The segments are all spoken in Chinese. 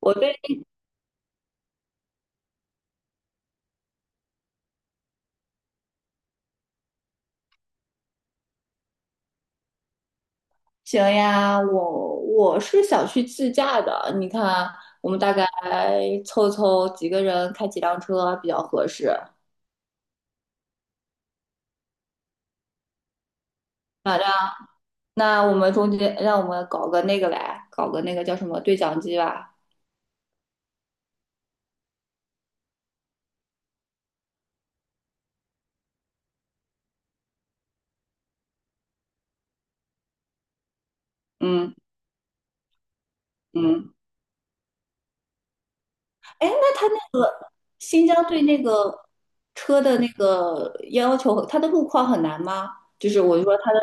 对，行呀，我是想去自驾的。你看，我们大概凑凑几个人，开几辆车比较合适。好，那我们中间，让我们搞个那个来，搞个那个叫什么对讲机吧。嗯嗯。哎，那他那个新疆对那个车的那个要求，它的路况很难吗？就是我就说它的。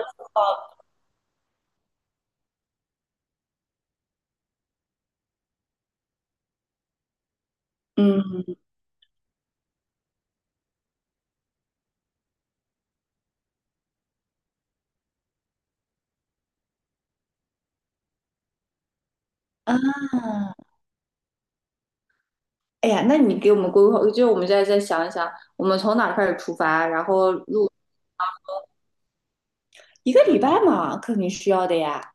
嗯啊。哎呀，那你给我们规划，就是我们再想一想，我们从哪儿开始出发，然后路。一个礼拜嘛，肯定需要的呀。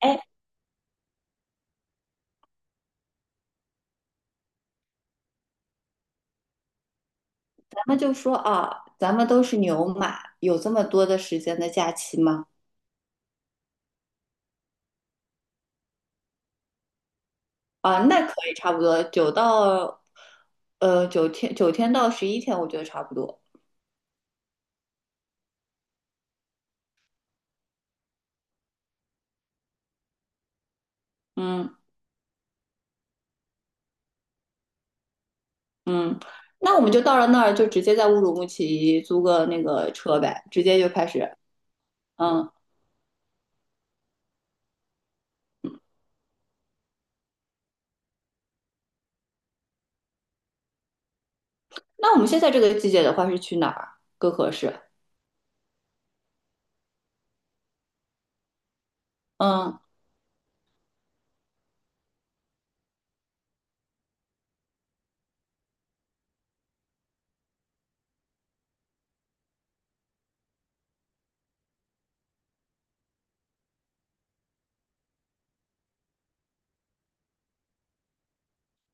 哎，咱们就说啊，咱们都是牛马，有这么多的时间的假期吗？啊，那可以差不多，九到九天，九天到11天，我觉得差不多。嗯嗯。那我们就到了那儿，就直接在乌鲁木齐租个那个车呗，直接就开始。嗯，那我们现在这个季节的话是去哪儿更合适？嗯。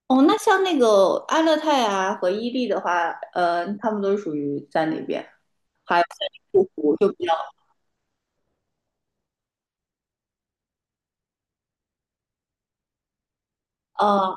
哦，那像那个阿勒泰啊和伊利的话，他们都属于在那边。还有护肤就比较，呃，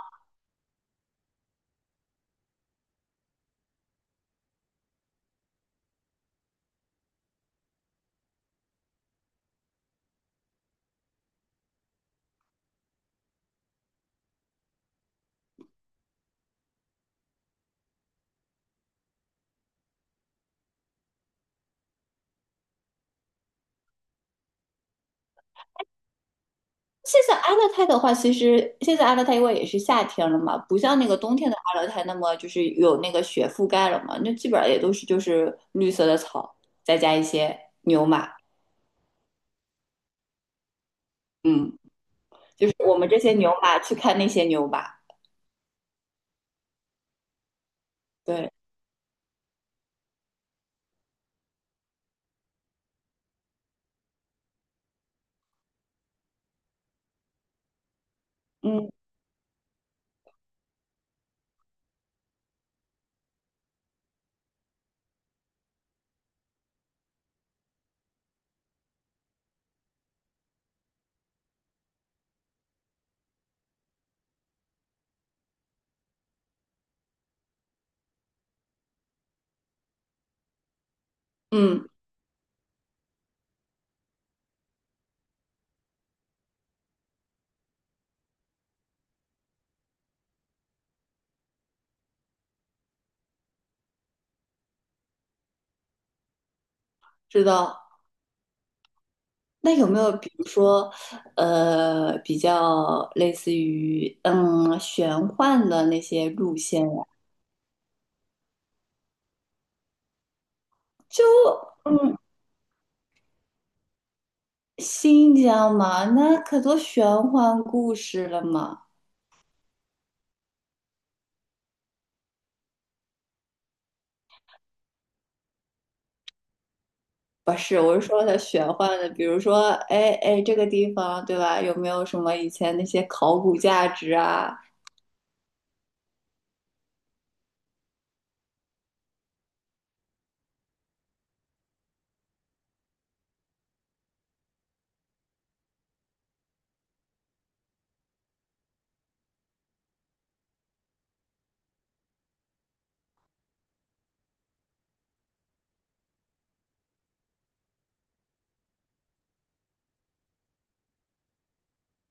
现在阿勒泰的话，其实现在阿勒泰因为也是夏天了嘛，不像那个冬天的阿勒泰那么就是有那个雪覆盖了嘛，那基本上也都是就是绿色的草，再加一些牛马。嗯，就是我们这些牛马去看那些牛马。对。嗯嗯，知道。那有没有比如说，比较类似于玄幻的那些路线呀、就嗯。新疆嘛，那可多玄幻故事了嘛。不是，我是说的玄幻的，比如说，哎哎，这个地方对吧？有没有什么以前那些考古价值啊？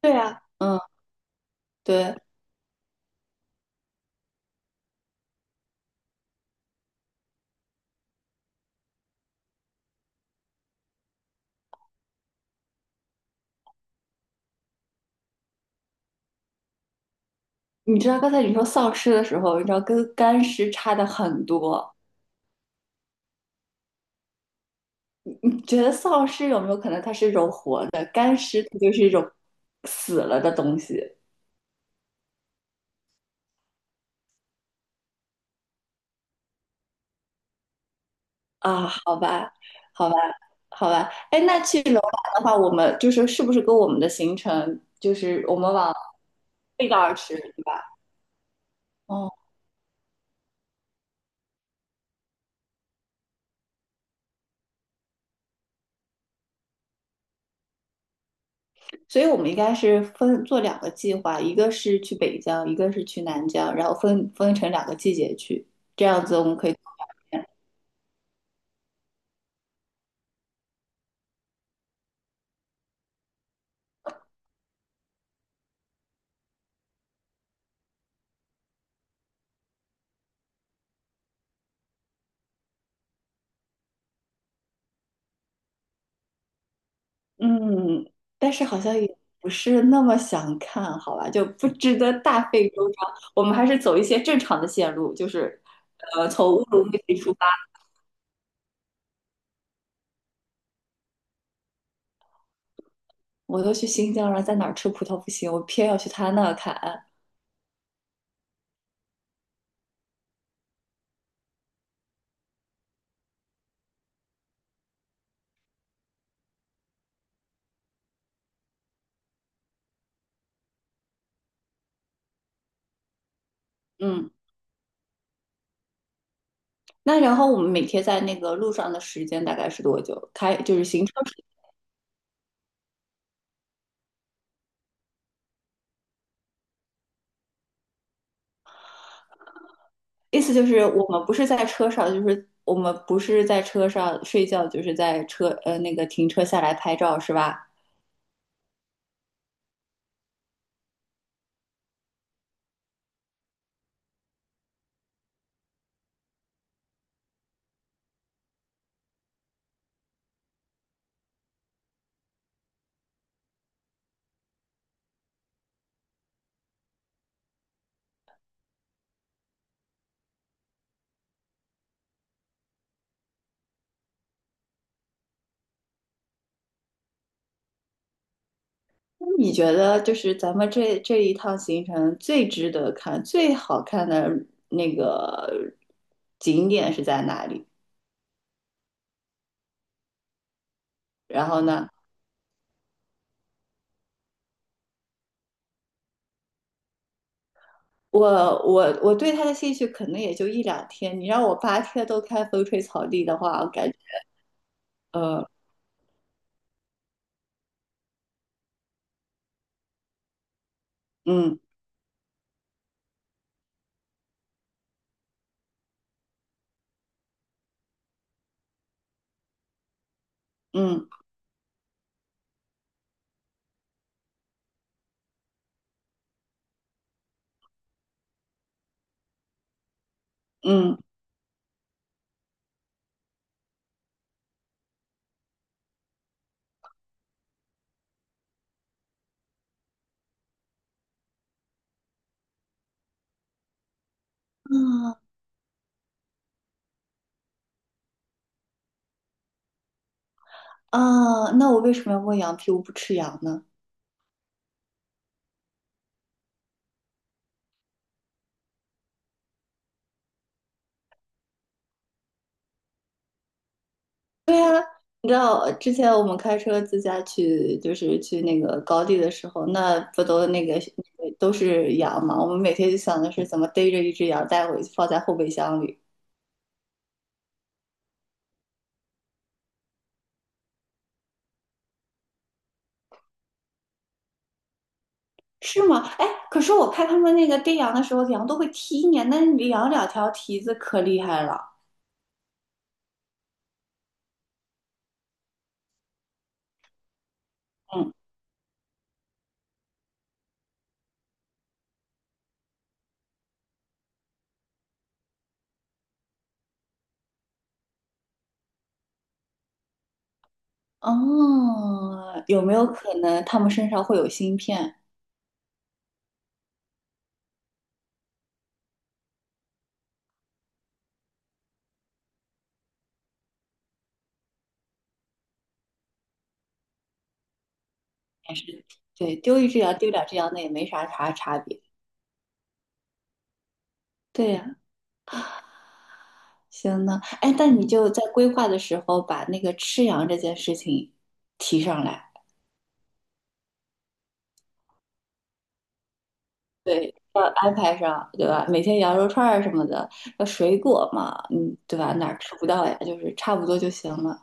对啊，嗯，对。你知道刚才你说丧尸的时候，你知道跟干尸差的很多。你觉得丧尸有没有可能它是一种活的，干尸它就是一种死了的东西？啊，好吧，好吧，好吧。哎，那去楼兰的话，我们就是是不是跟我们的行程，就是我们往背道而驰，对吧？哦，所以我们应该是分做两个计划，一个是去北疆，一个是去南疆，然后分成两个季节去，这样子我们可以。嗯，但是好像也不是那么想看，好吧，就不值得大费周章。我们还是走一些正常的线路，就是从乌鲁木齐出发。我都去新疆了，在哪儿吃葡萄不行，我偏要去他那儿砍。嗯，那然后我们每天在那个路上的时间大概是多久？就是行车时间。意思就是我们不是在车上，就是我们不是在车上睡觉，就是在车那个停车下来拍照是吧？那你觉得就是咱们这一趟行程最值得看、最好看的那个景点是在哪里？然后呢？我我对他的兴趣可能也就一两天，你让我8天都看风吹草低的话，我感觉呃嗯嗯嗯啊啊。那我为什么要问羊皮？我不吃羊呢？你知道之前我们开车自驾去，就是去那个高地的时候，那不都那个那个都是羊嘛？我们每天就想的是怎么逮着一只羊带回去，放在后备箱里。是吗？哎，可是我看他们那个逮羊的时候，羊都会踢你，那羊两条蹄子可厉害了。嗯。哦，有没有可能他们身上会有芯片？还是对，丢一只羊丢两只羊，那也没啥差别。对呀，行呢。哎，那你就在规划的时候把那个吃羊这件事情提上来。对，要安排上，对吧？每天羊肉串儿什么的，要水果嘛，嗯，对吧？哪儿吃不到呀？就是差不多就行了。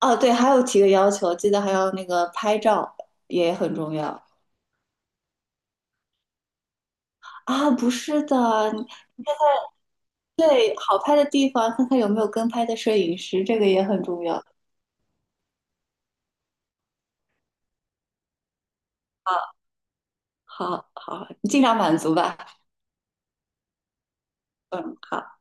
哦，对，还有提个要求，记得还要那个拍照也很重要。啊，不是的，对，好拍的地方，看看有没有跟拍的摄影师，这个也很重要。啊，好，好，好，尽量满足吧。嗯，好。